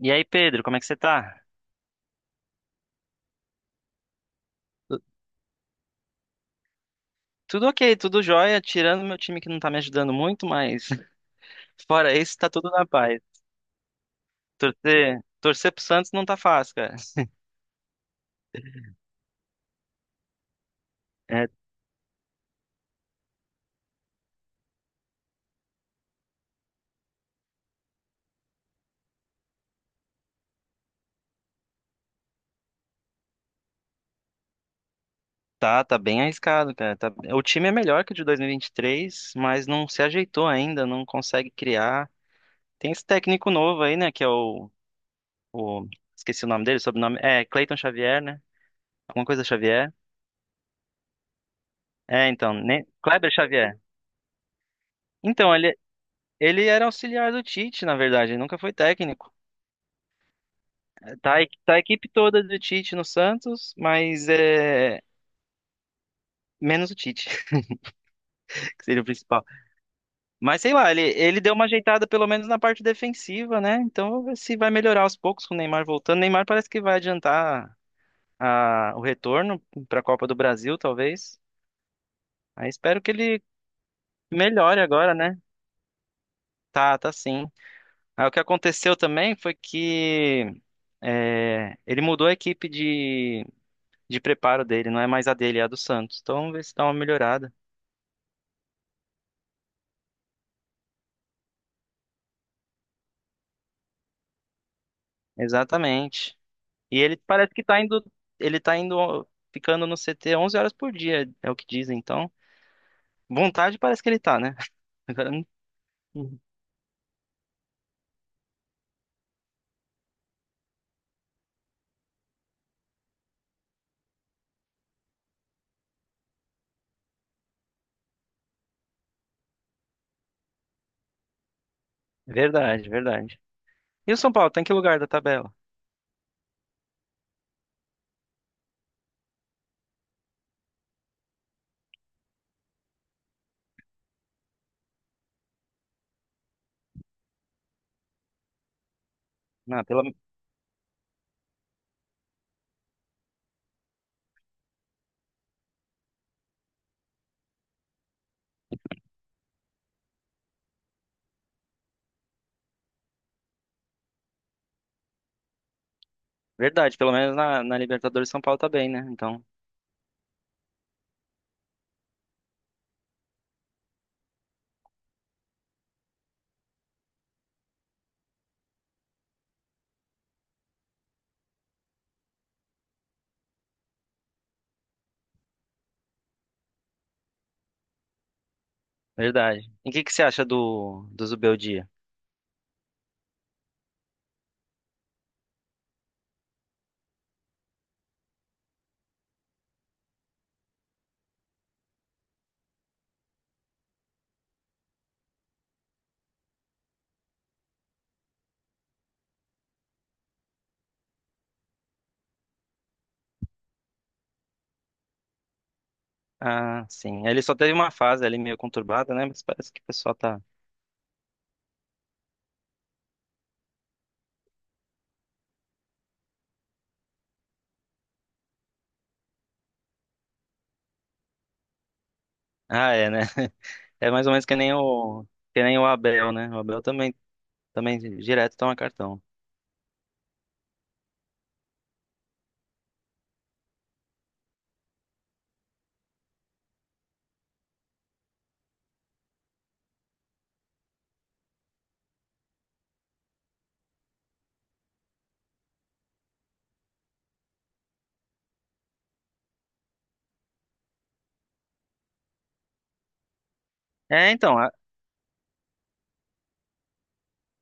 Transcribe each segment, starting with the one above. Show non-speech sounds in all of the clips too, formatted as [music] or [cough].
E aí, Pedro, como é que você tá? Tu- Tudo ok, tudo jóia, tirando meu time que não tá me ajudando muito, mas [laughs] fora isso, tá tudo na paz. Torcer pro Santos não tá fácil, cara. [laughs] É, tá bem arriscado, cara. O time é melhor que o de 2023, mas não se ajeitou ainda, não consegue criar. Tem esse técnico novo aí, né, que é o- esqueci o nome dele, sobrenome, é Cleiton Xavier, né? Alguma coisa Xavier. É, então, né? Kleber Xavier. Então, ele era auxiliar do Tite, na verdade, ele nunca foi técnico. Tá, tá a equipe toda do Tite no Santos, mas é menos o Tite, [laughs] que seria o principal. Mas sei lá, ele deu uma ajeitada pelo menos na parte defensiva, né? Então vamos ver se vai melhorar aos poucos com o Neymar voltando. Neymar parece que vai adiantar o retorno para a Copa do Brasil, talvez. Aí espero que ele melhore agora, né? Tá, tá sim. Aí o que aconteceu também foi que ele mudou a equipe de preparo dele, não é mais a dele, é a do Santos. Então vamos ver se dá uma melhorada. Exatamente. E ele parece que tá indo, ele tá indo, ó, ficando no CT 11 horas por dia, é o que dizem, então. Vontade parece que ele tá, né? [laughs] Agora, não- Uhum. Verdade, verdade. E o São Paulo, tá em que lugar da tabela? Não, pela, Verdade, pelo menos na Libertadores São Paulo tá bem, né? Então, verdade. E o que que você acha do Zubeldia? Ah, sim. Ele só teve uma fase ali meio conturbada, né? Mas parece que o pessoal tá. Ah, é, né? [laughs] É mais ou menos que nem o Abel, né? O Abel também, também direto toma cartão. É, então,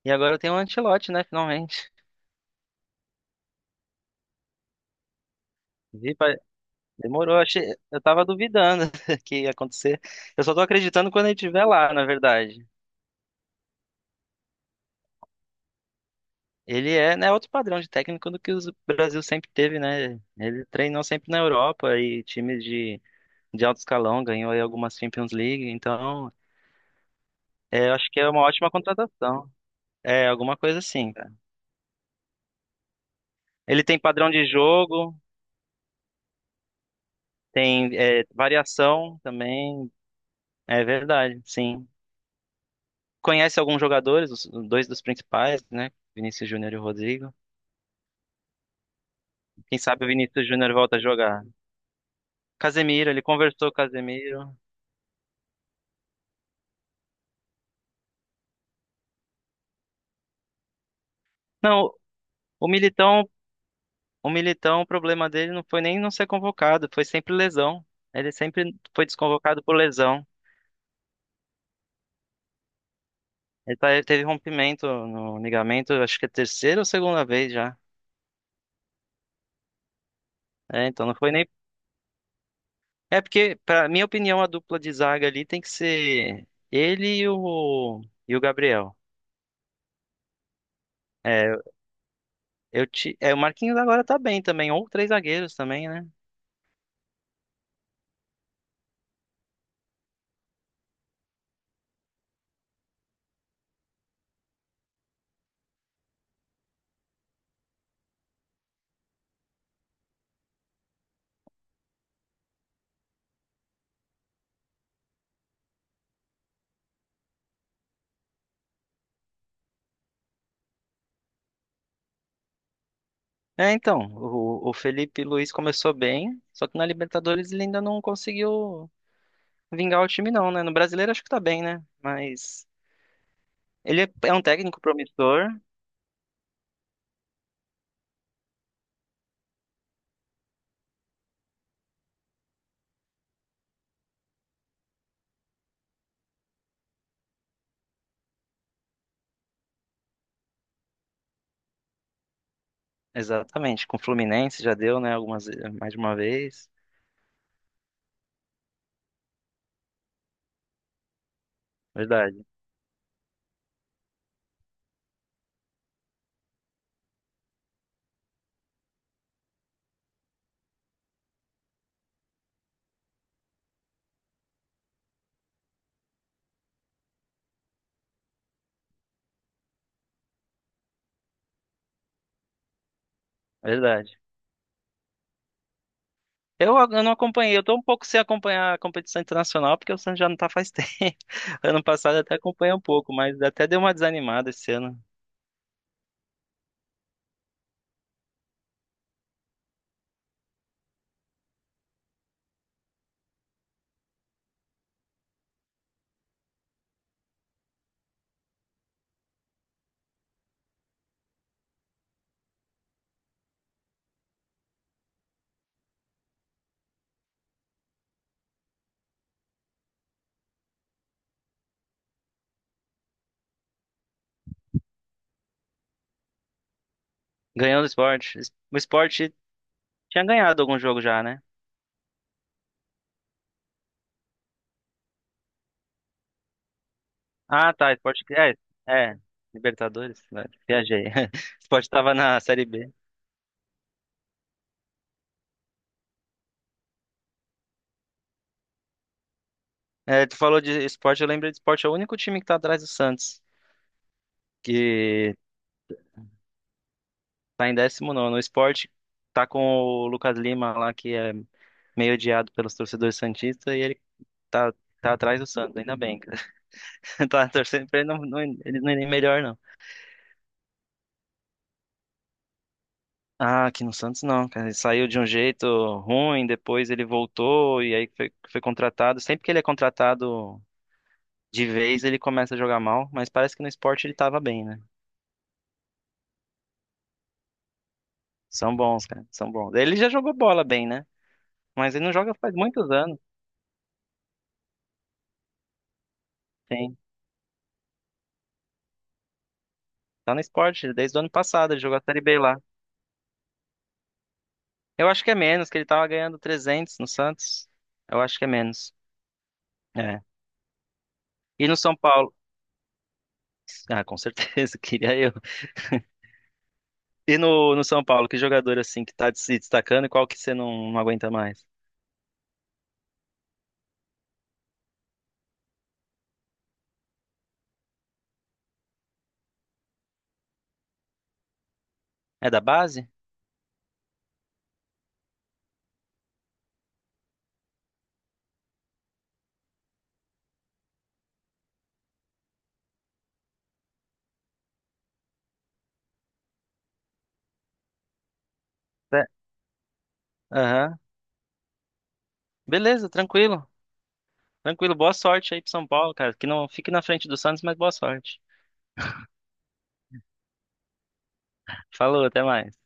e agora eu tenho um Ancelotti, né, finalmente. Vi, pa- Demorou, achei, eu tava duvidando [laughs] que ia acontecer. Eu só tô acreditando quando ele estiver lá, na verdade. Ele é, né, outro padrão de técnico do que o Brasil sempre teve, né? Ele treinou sempre na Europa e times de alto escalão, ganhou aí algumas Champions League, então é, eu acho que é uma ótima contratação. É, alguma coisa assim, cara. Ele tem padrão de jogo, tem é, variação também, é verdade, sim. Conhece alguns jogadores, os dois dos principais, né? Vinícius Júnior e o Rodrigo. Quem sabe o Vinícius Júnior volta a jogar. Casemiro, ele conversou com o Casemiro. Não, o Militão, o Militão, o problema dele não foi nem não ser convocado, foi sempre lesão. Ele sempre foi desconvocado por lesão. Ele teve rompimento no ligamento, acho que é a terceira ou segunda vez já. É, então não foi nem. É porque, pra minha opinião, a dupla de zaga ali tem que ser ele e o Gabriel. É, É, o Marquinhos agora tá bem também, ou três zagueiros também, né? É, então, o Felipe Luiz começou bem, só que na Libertadores ele ainda não conseguiu vingar o time não, né? No Brasileiro acho que tá bem, né? Mas é um técnico promissor, exatamente, com o Fluminense já deu, né, algumas mais de uma vez. Verdade, verdade. Eu não acompanhei, eu tô um pouco sem acompanhar a competição internacional, porque o Santos já não tá faz tempo. [laughs] Ano passado eu até acompanhei um pouco, mas até deu uma desanimada esse ano. Ganhando o esporte. O esporte tinha ganhado algum jogo já, né? Ah, tá. Esporte. É, é. Libertadores? Né, viajei. [laughs] Esporte tava na Série B. É, tu falou de esporte, eu lembro de esporte. É o único time que tá atrás do Santos, que tá em 19. O esporte tá com o Lucas Lima lá, que é meio odiado pelos torcedores santistas, e ele tá, tá atrás do Santos, ainda bem. Cara. [laughs] Tá torcendo pra ele ele não ir melhor, não. Ah, aqui no Santos não, cara. Ele saiu de um jeito ruim, depois ele voltou e aí foi contratado. Sempre que ele é contratado de vez, ele começa a jogar mal, mas parece que no esporte ele tava bem, né? São bons, cara, são bons. Ele já jogou bola bem, né? Mas ele não joga faz muitos anos. Sim, tá no esporte desde o ano passado, ele jogou a Série B lá. Eu acho que é menos, que ele tava ganhando 300 no Santos. Eu acho que é menos. É. E no São Paulo? Ah, com certeza, [laughs] queria eu. E no São Paulo, que jogador assim que tá se destacando e qual que você não aguenta mais? É da base? É. Aham. Beleza, tranquilo. Tranquilo, boa sorte aí pro São Paulo, cara. Que não fique na frente do Santos, mas boa sorte. Falou, até mais.